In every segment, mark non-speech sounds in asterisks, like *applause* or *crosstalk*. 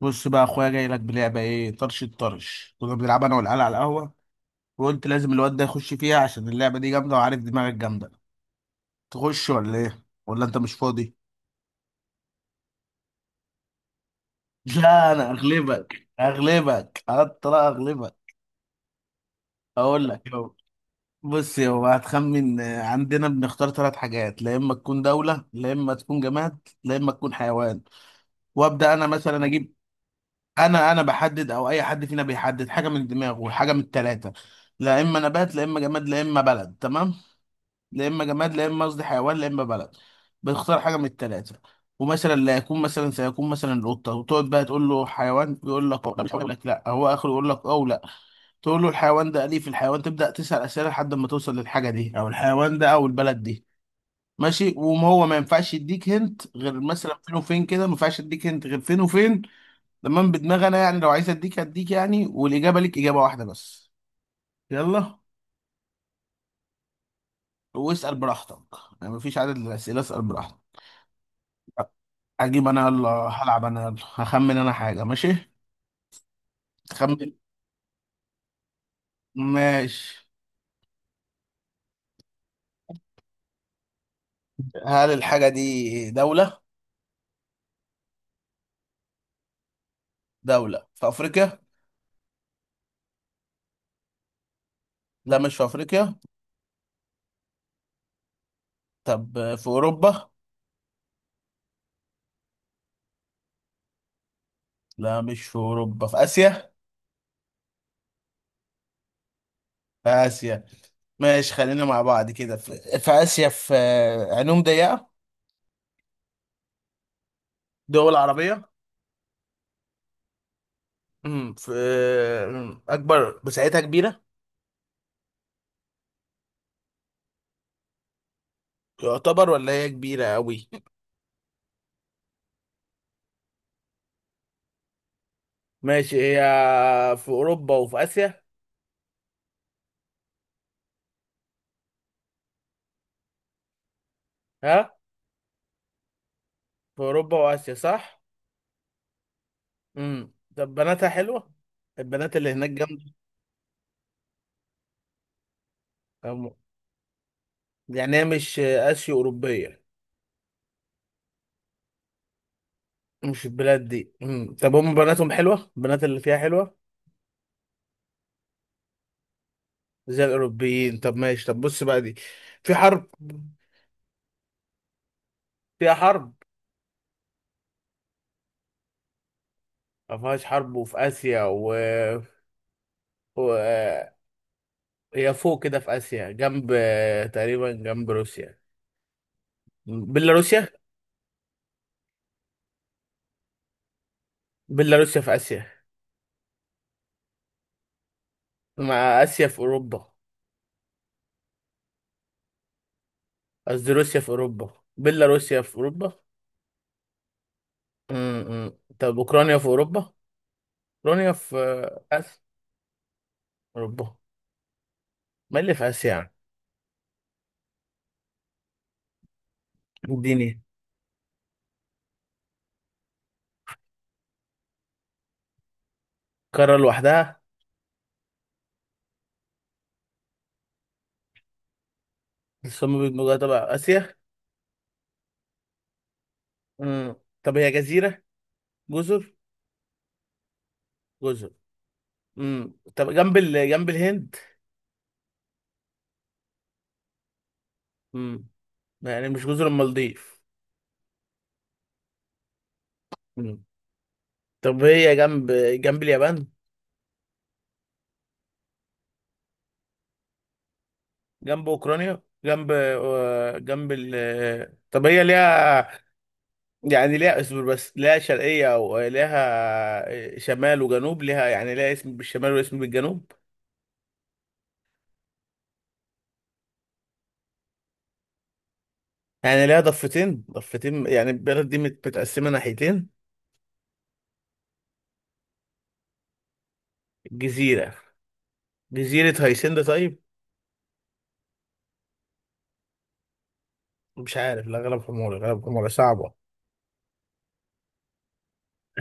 بص بقى يا اخويا، جاي لك بلعبه، ايه؟ الطرش كنا بنلعبها انا والعيال على القهوه، وقلت لازم الواد ده يخش فيها عشان اللعبه دي جامده، وعارف دماغك جامده. تخش ولا ايه؟ ولا انت مش فاضي؟ *laughs* لا، انا اغلبك اطلع اغلبك. اقول لك يو. بص يا هو، هتخمن. عندنا بنختار ثلاث حاجات: لا اما تكون دوله، لا اما تكون جماد، لا اما تكون حيوان. وابدا انا مثلا اجيب. انا بحدد او اي حد فينا بيحدد حاجه من دماغه، حاجه من الثلاثه: لا اما نبات، لا اما جماد، لا اما بلد. تمام؟ لا اما جماد، لا اما قصدي حيوان، لا اما بلد. بتختار حاجه من الثلاثه، ومثلا لا يكون مثلا سيكون مثلا القطه، وتقعد بقى تقول له حيوان، يقول لك لا، يقول لك لا، هو اخره يقول لك او لا. تقول له الحيوان ده اليف، الحيوان، تبدا تسال اسئله لحد ما توصل للحاجه دي او الحيوان ده او البلد دي. ماشي، وما هو ما ينفعش يديك هنت غير مثلا فين وفين كده، ما ينفعش يديك هنت غير فين وفين. تمام؟ بدماغ انا يعني، لو عايز اديك هديك يعني، والاجابه ليك اجابه واحده بس. يلا. واسال براحتك، يعني مفيش عدد للاسئله، اسال براحتك. اجيب انا، يلا هلعب انا، يلا هخمن انا حاجة. ماشي. خمن. ماشي. هل الحاجة دي دولة؟ دولة في افريقيا؟ لا مش في افريقيا. طب في اوروبا؟ لا مش في اوروبا، في اسيا. في اسيا. ماشي خلينا مع بعض كده، في اسيا، في، عينهم ضيقة؟ دول عربية؟ في، اكبر مساحتها كبيرة؟ يعتبر ولا هي كبيرة قوي؟ ماشي. هي في اوروبا وفي اسيا، ها؟ في اوروبا واسيا، صح؟ طب بناتها حلوه، البنات اللي هناك جامده؟ أم- يعني هي مش اسيو اوروبيه، مش البلاد دي. طب هم بناتهم حلوه، البنات اللي فيها حلوه زي الاوروبيين؟ طب ماشي، طب بص بقى، دي في حرب، فيها حرب؟ ما فيهاش حرب، وفي اسيا و هي فوق كده في اسيا، جنب تقريبا جنب روسيا، بيلاروسيا. بيلاروسيا في اسيا، مع اسيا، في اوروبا. قصدي روسيا في اوروبا، بيلاروسيا في اوروبا. امم طب اوكرانيا في اوروبا، اوكرانيا في اسيا، اوروبا؟ ما اللي في اسيا يعني؟ اديني. قاره لوحدها. الصم بيبقى جوه تبع اسيا. امم طب هي جزيره، جزر؟ جزر. طب جنب جنب الهند؟ امم يعني مش جزر المالديف. امم طب هي جنب اليابان؟ جنب اوكرانيا، جنب جنب طب هي ليها، يعني ليها، اصبر بس، ليها شرقية وليها شمال وجنوب، ليها يعني ليها اسم بالشمال واسم بالجنوب؟ يعني ليها ضفتين، ضفتين، يعني البلد دي متقسمة ناحيتين. جزيرة. جزيرة هايسند، طيب. مش عارف، لا، غلب حمولي صعبة.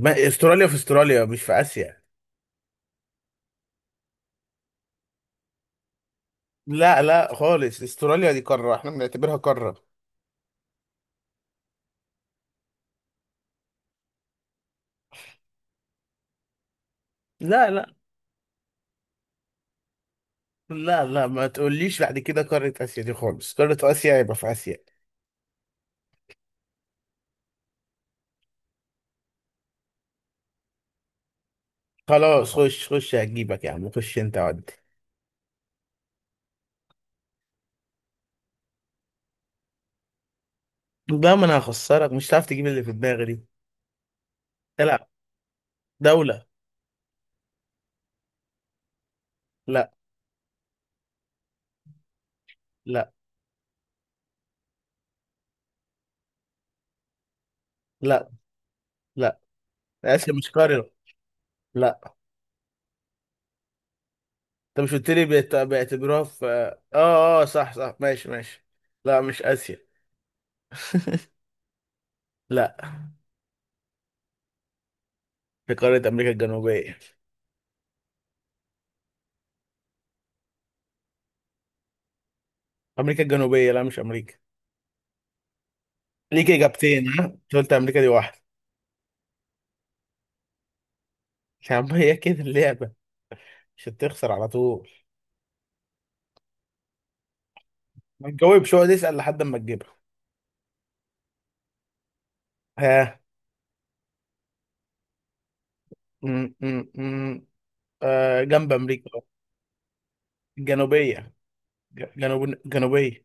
ما استراليا، في استراليا مش في آسيا. لا لا، خالص استراليا دي قارة، احنا بنعتبرها قارة. لا لا لا لا، ما تقوليش بعد كده قارة آسيا دي، خالص قارة آسيا يبقى في آسيا. خلاص خش، خش هجيبك يا عم، خش انت. لا ما انا هخسرك، مش هتعرف تجيب اللي في دماغي دي. لا. دولة. لا. لا. لا. لا. آسيا مش قارة. لا، انت مش قلت لي بيعتبروها في صح صح، ماشي ماشي. لا، مش آسيا. *laughs* لا، في قارة أمريكا الجنوبية. أمريكا الجنوبية، لا مش أمريكا. ليك إجابتين، ها؟ أنت قلت أمريكا، دي واحدة. *laughs* يا عم هي كده اللعبة، مش هتخسر على طول. ما تجاوبش، اقعد اسأل لحد ما تجيبها، ها؟ م -م -م. آه، جنب أمريكا الجنوبية. جنوب، جنوبية.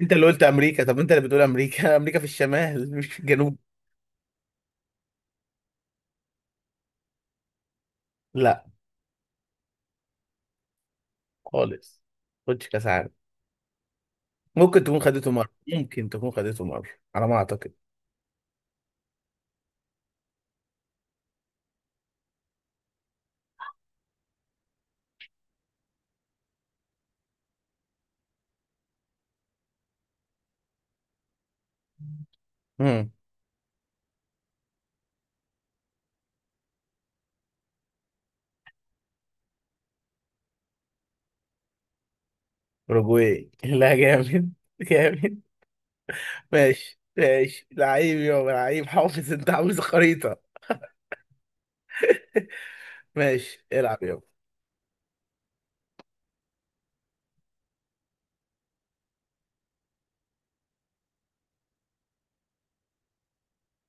انت اللي قلت امريكا، طب انت اللي بتقول امريكا، *laughs* امريكا في الشمال مش في الجنوب. لا. خالص. خدش كاس عالم. ممكن تكون خدته مره، ممكن تكون خدته مره، على ما اعتقد. امم اوروجواي. *laughs* لا، جامد جامد. ماشي ماشي، لعيب يابا، لعيب حافظ، انت عامل زي خريطه. ماشي، العب يابا.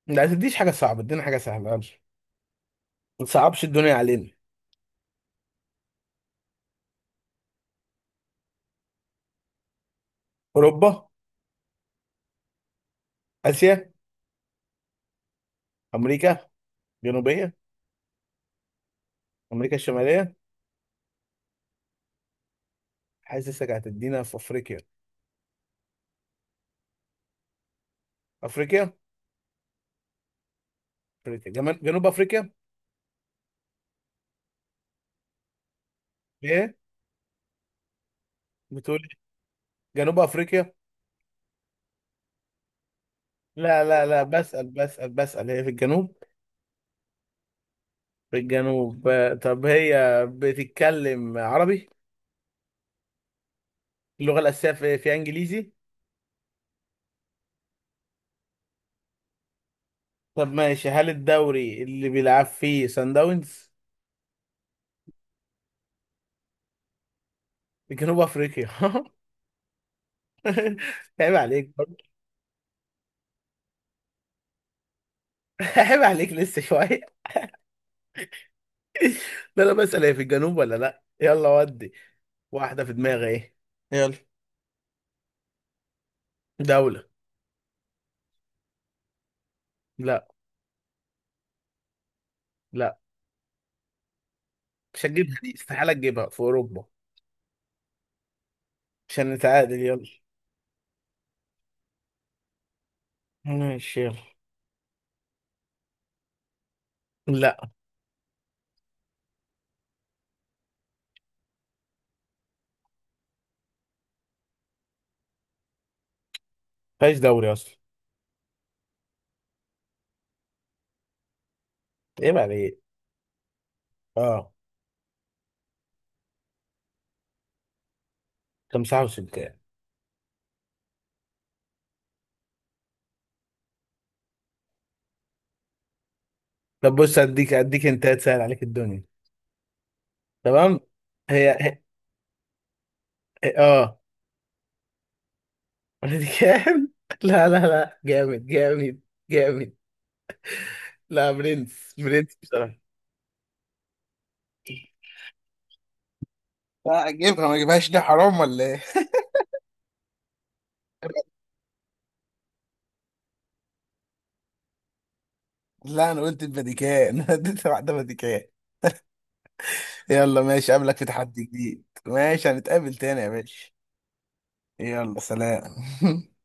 لا تديش حاجه صعبه، ادينا حاجه سهله، يلا. ما تصعبش الدنيا علينا. اوروبا؟ اسيا؟ امريكا جنوبيه؟ امريكا الشماليه؟ حاسسك هتدينا في افريقيا. افريقيا؟ افريقيا جنوب افريقيا. ايه بتقول؟ إيه؟ جنوب افريقيا. لا لا لا، بسأل بسأل بسأل، هي في الجنوب. في الجنوب. طب هي بتتكلم عربي؟ اللغة الأساسية في انجليزي؟ طب ماشي، هل الدوري اللي بيلعب فيه سان داونز في جنوب افريقيا؟ *laughs* عيب عليك برضه. *laughs* عيب عليك، لسه شوية. لا لا، بسأل هي في الجنوب ولا لا. يلا، ودي واحدة في دماغي، ايه يلا؟ دولة. لا. لا، مش هتجيبها دي، استحالة تجيبها. في أوروبا، عشان نتعادل، يلا. ماشي، يلا. لا فيهاش دوري اصلا. ايه بقى، ايه؟ اه. تمسحه وسلكاه. طب بص، اديك انت تسهل عليك الدنيا. تمام. هي, هي... هي... اه *laughs* كام. لا لا لا، جامد جامد جامد. لا، برنس برنس، بصراحه. لا، اجيبها، ما اجيبهاش، دي حرام ولا ايه؟ *laughs* لا انا قلت الفاتيكان. *laughs* انا اديت واحده فاتيكان. يلا ماشي، اقابلك في تحدي جديد، ماشي، هنتقابل تاني يا باشا. يلا سلام. *laughs*